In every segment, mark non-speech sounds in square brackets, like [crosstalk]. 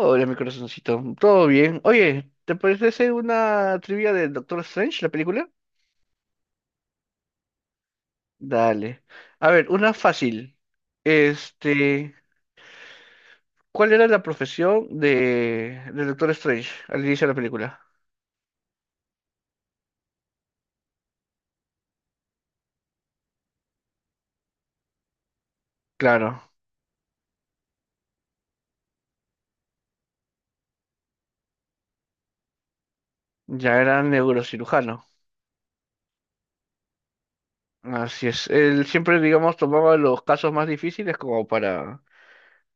Hola, mi corazoncito. ¿Todo bien? Oye, ¿te parece hacer una trivia de Doctor Strange, la película? Dale. A ver, una fácil. Este, ¿Cuál era la profesión de Doctor Strange al inicio de la película? Claro, ya era neurocirujano. Así es. Él siempre, digamos, tomaba los casos más difíciles como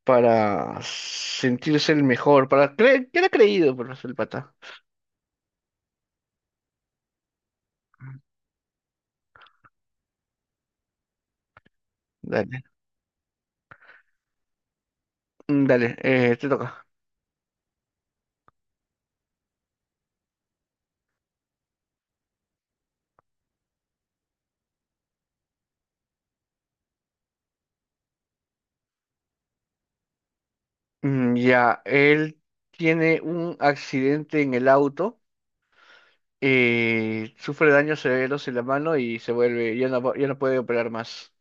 para sentirse el mejor, para creer, que era creído por el pata. Dale. Dale, te toca. Ya, él tiene un accidente en el auto, sufre daños severos en la mano y se vuelve, ya no, ya no puede operar más.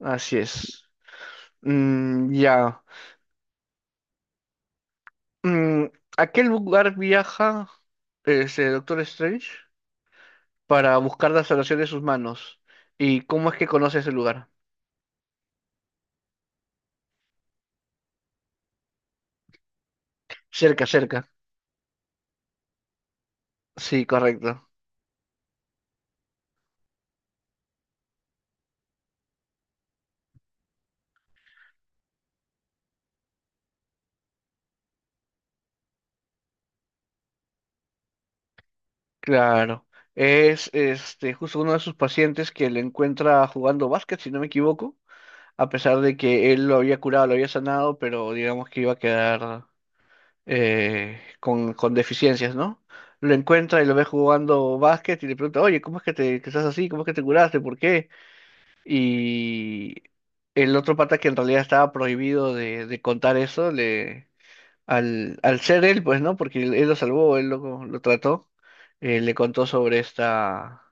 Así es. Mm, ya. Mm, ¿a qué lugar viaja ese Doctor Strange para buscar la salvación de sus manos? ¿Y cómo es que conoce ese lugar? Cerca, cerca. Sí, correcto. Claro. Es este justo uno de sus pacientes que le encuentra jugando básquet, si no me equivoco, a pesar de que él lo había curado, lo había sanado, pero digamos que iba a quedar con deficiencias, ¿no? Lo encuentra y lo ve jugando básquet y le pregunta, oye, ¿cómo es que te que estás así? ¿Cómo es que te curaste? ¿Por qué? Y el otro pata que en realidad estaba prohibido de contar eso, le, al, al ser él, pues, ¿no? Porque él lo salvó, él lo trató, le contó sobre esta,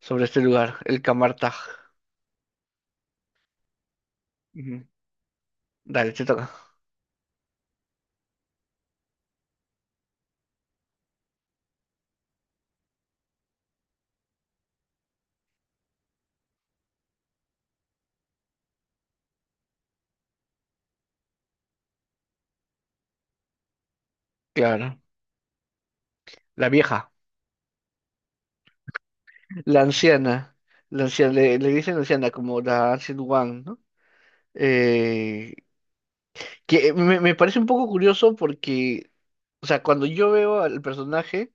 sobre este lugar, el Camartag. Ujú. Dale, te toca. Claro. La vieja. La anciana, la anciana, le dicen anciana como la Ancient One, ¿no? Eh, que me parece un poco curioso porque, o sea, cuando yo veo al personaje,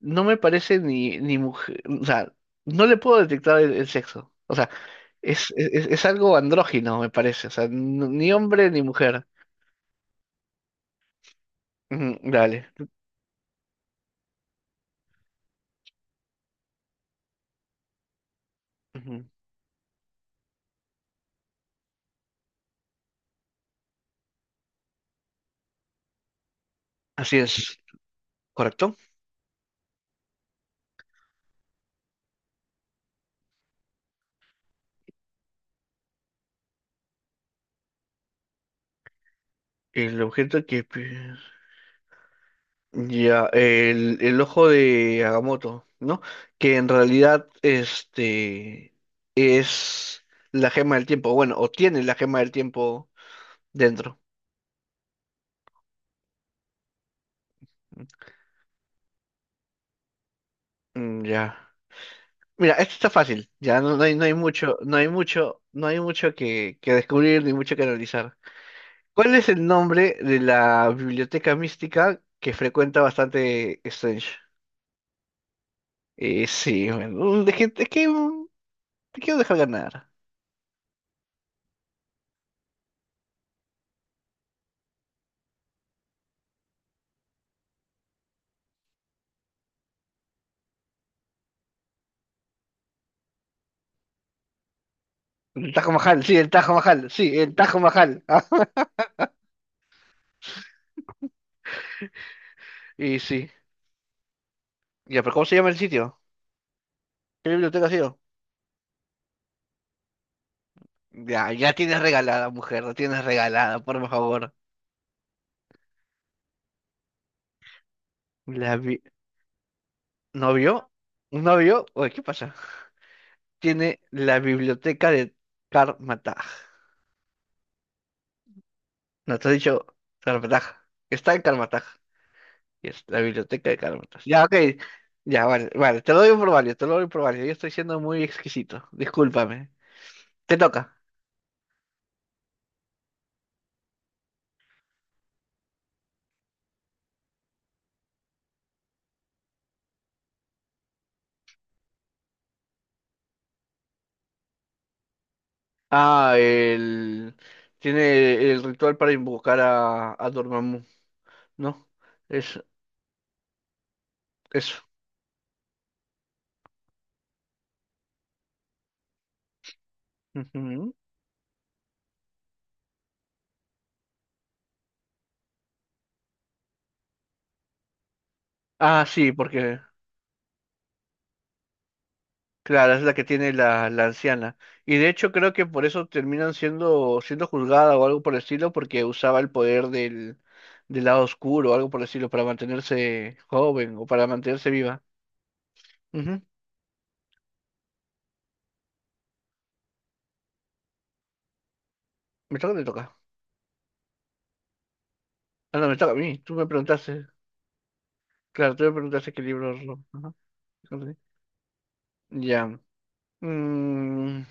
no me parece ni mujer, o sea, no le puedo detectar el sexo. O sea, es algo andrógino, me parece, o sea, ni hombre ni mujer. Ujú, dale. Ujú. Así es, correcto. El objeto que... Ya, el ojo de Agamotto, ¿no? Que en realidad este es la gema del tiempo, bueno, o tiene la gema del tiempo dentro. Mm, ya. Mira, esto está fácil, ya no, no hay, no hay mucho, no hay mucho, no hay mucho que descubrir ni mucho que analizar. ¿Cuál es el nombre de la biblioteca mística que frecuenta bastante Strange? Sí, bueno, te quiero dejar ganar. El Tajo Majal, sí, el Tajo Majal, sí, el Tajo Majal. Ah, y sí. Ya, pero ¿cómo se llama el sitio? ¿Qué biblioteca ha sido? Ya, ya tienes regalada, mujer, la tienes regalada, por favor. La vi... ¿No vio? ¿No vio? Oye, ¿qué pasa? Tiene la biblioteca de Karmataj. No te he dicho Karmataj. Está en Karmataj. Y es la biblioteca de Karmataj. Ya, ok. Ya, vale, vale. Te lo doy por válido, te lo doy por válido. Yo estoy siendo muy exquisito. Discúlpame. Te toca. Ah, el... Tiene el ritual para invocar a Dormammu, ¿no? Es eso. Ujú. Ah, sí, porque, claro, es la que tiene la, la anciana. Y de hecho creo que por eso terminan siendo juzgada o algo por el estilo, porque usaba el poder del, del lado oscuro o algo por el estilo para mantenerse joven o para mantenerse viva. Ujú. Me toca, o te toca. Ah, no, me toca a mí. Tú me preguntaste. Claro, tú me preguntaste qué libro. Es lo- ajá. Ya. Mm.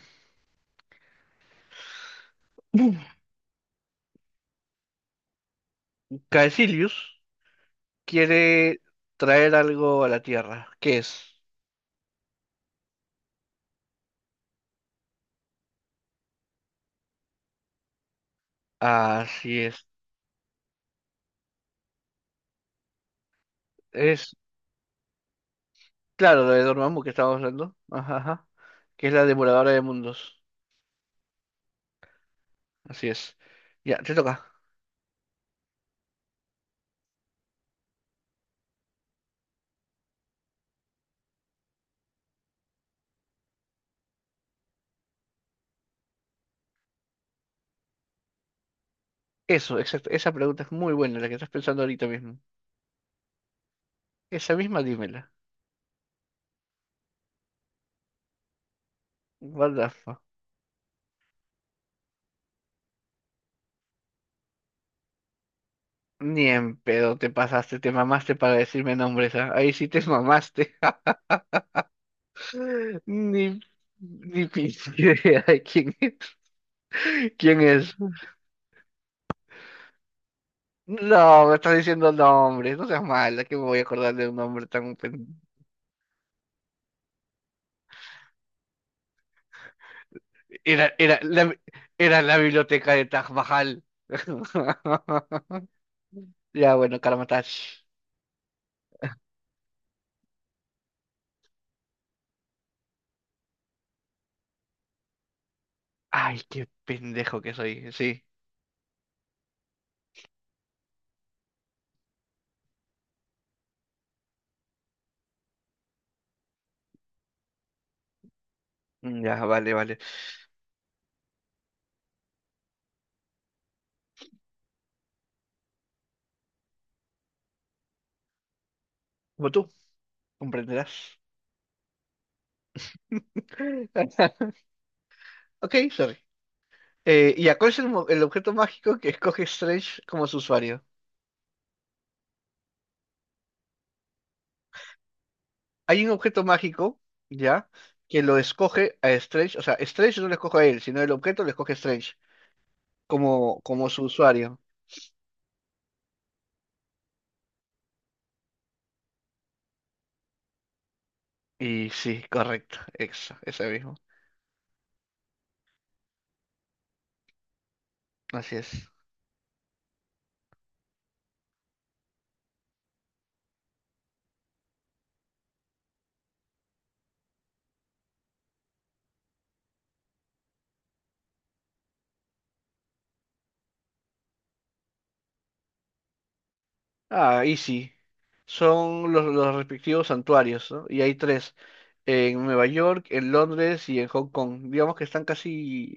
[laughs] Caecilius quiere traer algo a la Tierra. ¿Qué es? Así es. Es, claro, lo de Dormammu que estábamos hablando. Ajá, ajá. Que es la devoradora de mundos. Así es. Ya, te toca. Eso, exacto. Esa pregunta es muy buena, la que estás pensando ahorita mismo. Esa misma, dímela. What the fuck. Ni en pedo te pasaste, te mamaste para decirme nombres, ¿ah? Ahí sí te mamaste. [laughs] Ni, ni pinche idea de quién, [laughs] quién es. No, me estás diciendo nombres, no seas mala, que me voy a acordar de un nombre tan... pen-. Era, era, la, era la biblioteca de Taj Mahal. [laughs] Ya, bueno, Karamatash. Ay, qué pendejo que soy, sí. Mm, ya, vale, vale. Como tú, comprenderás. [laughs] Ok, sorry. Ya, ¿cuál es el, el objeto mágico que escoge Strange como su usuario? Hay un objeto mágico, ya, que lo escoge a Strange, o sea, Strange no lo escoge a él, sino el objeto lo escoge Strange, como, como su usuario. Y sí, correcto, exa, ese mismo. Así es. Ah, y sí. Son los respectivos santuarios, ¿no? Y hay 3, en Nueva York, en Londres y en Hong Kong. Digamos que están casi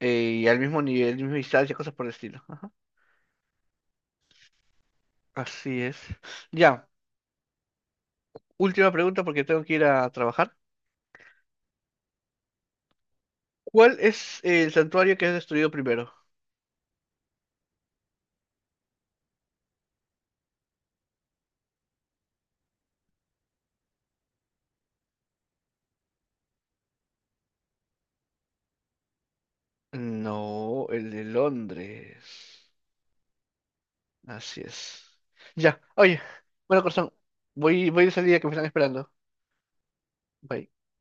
al mismo nivel, misma distancia, cosas por el estilo. Ajá. Así es. Ya, última pregunta porque tengo que ir a trabajar. ¿Cuál es el santuario que es destruido primero? No, el de Londres. Así es. Ya, oye, bueno, corazón, voy de salida que me están esperando. Bye.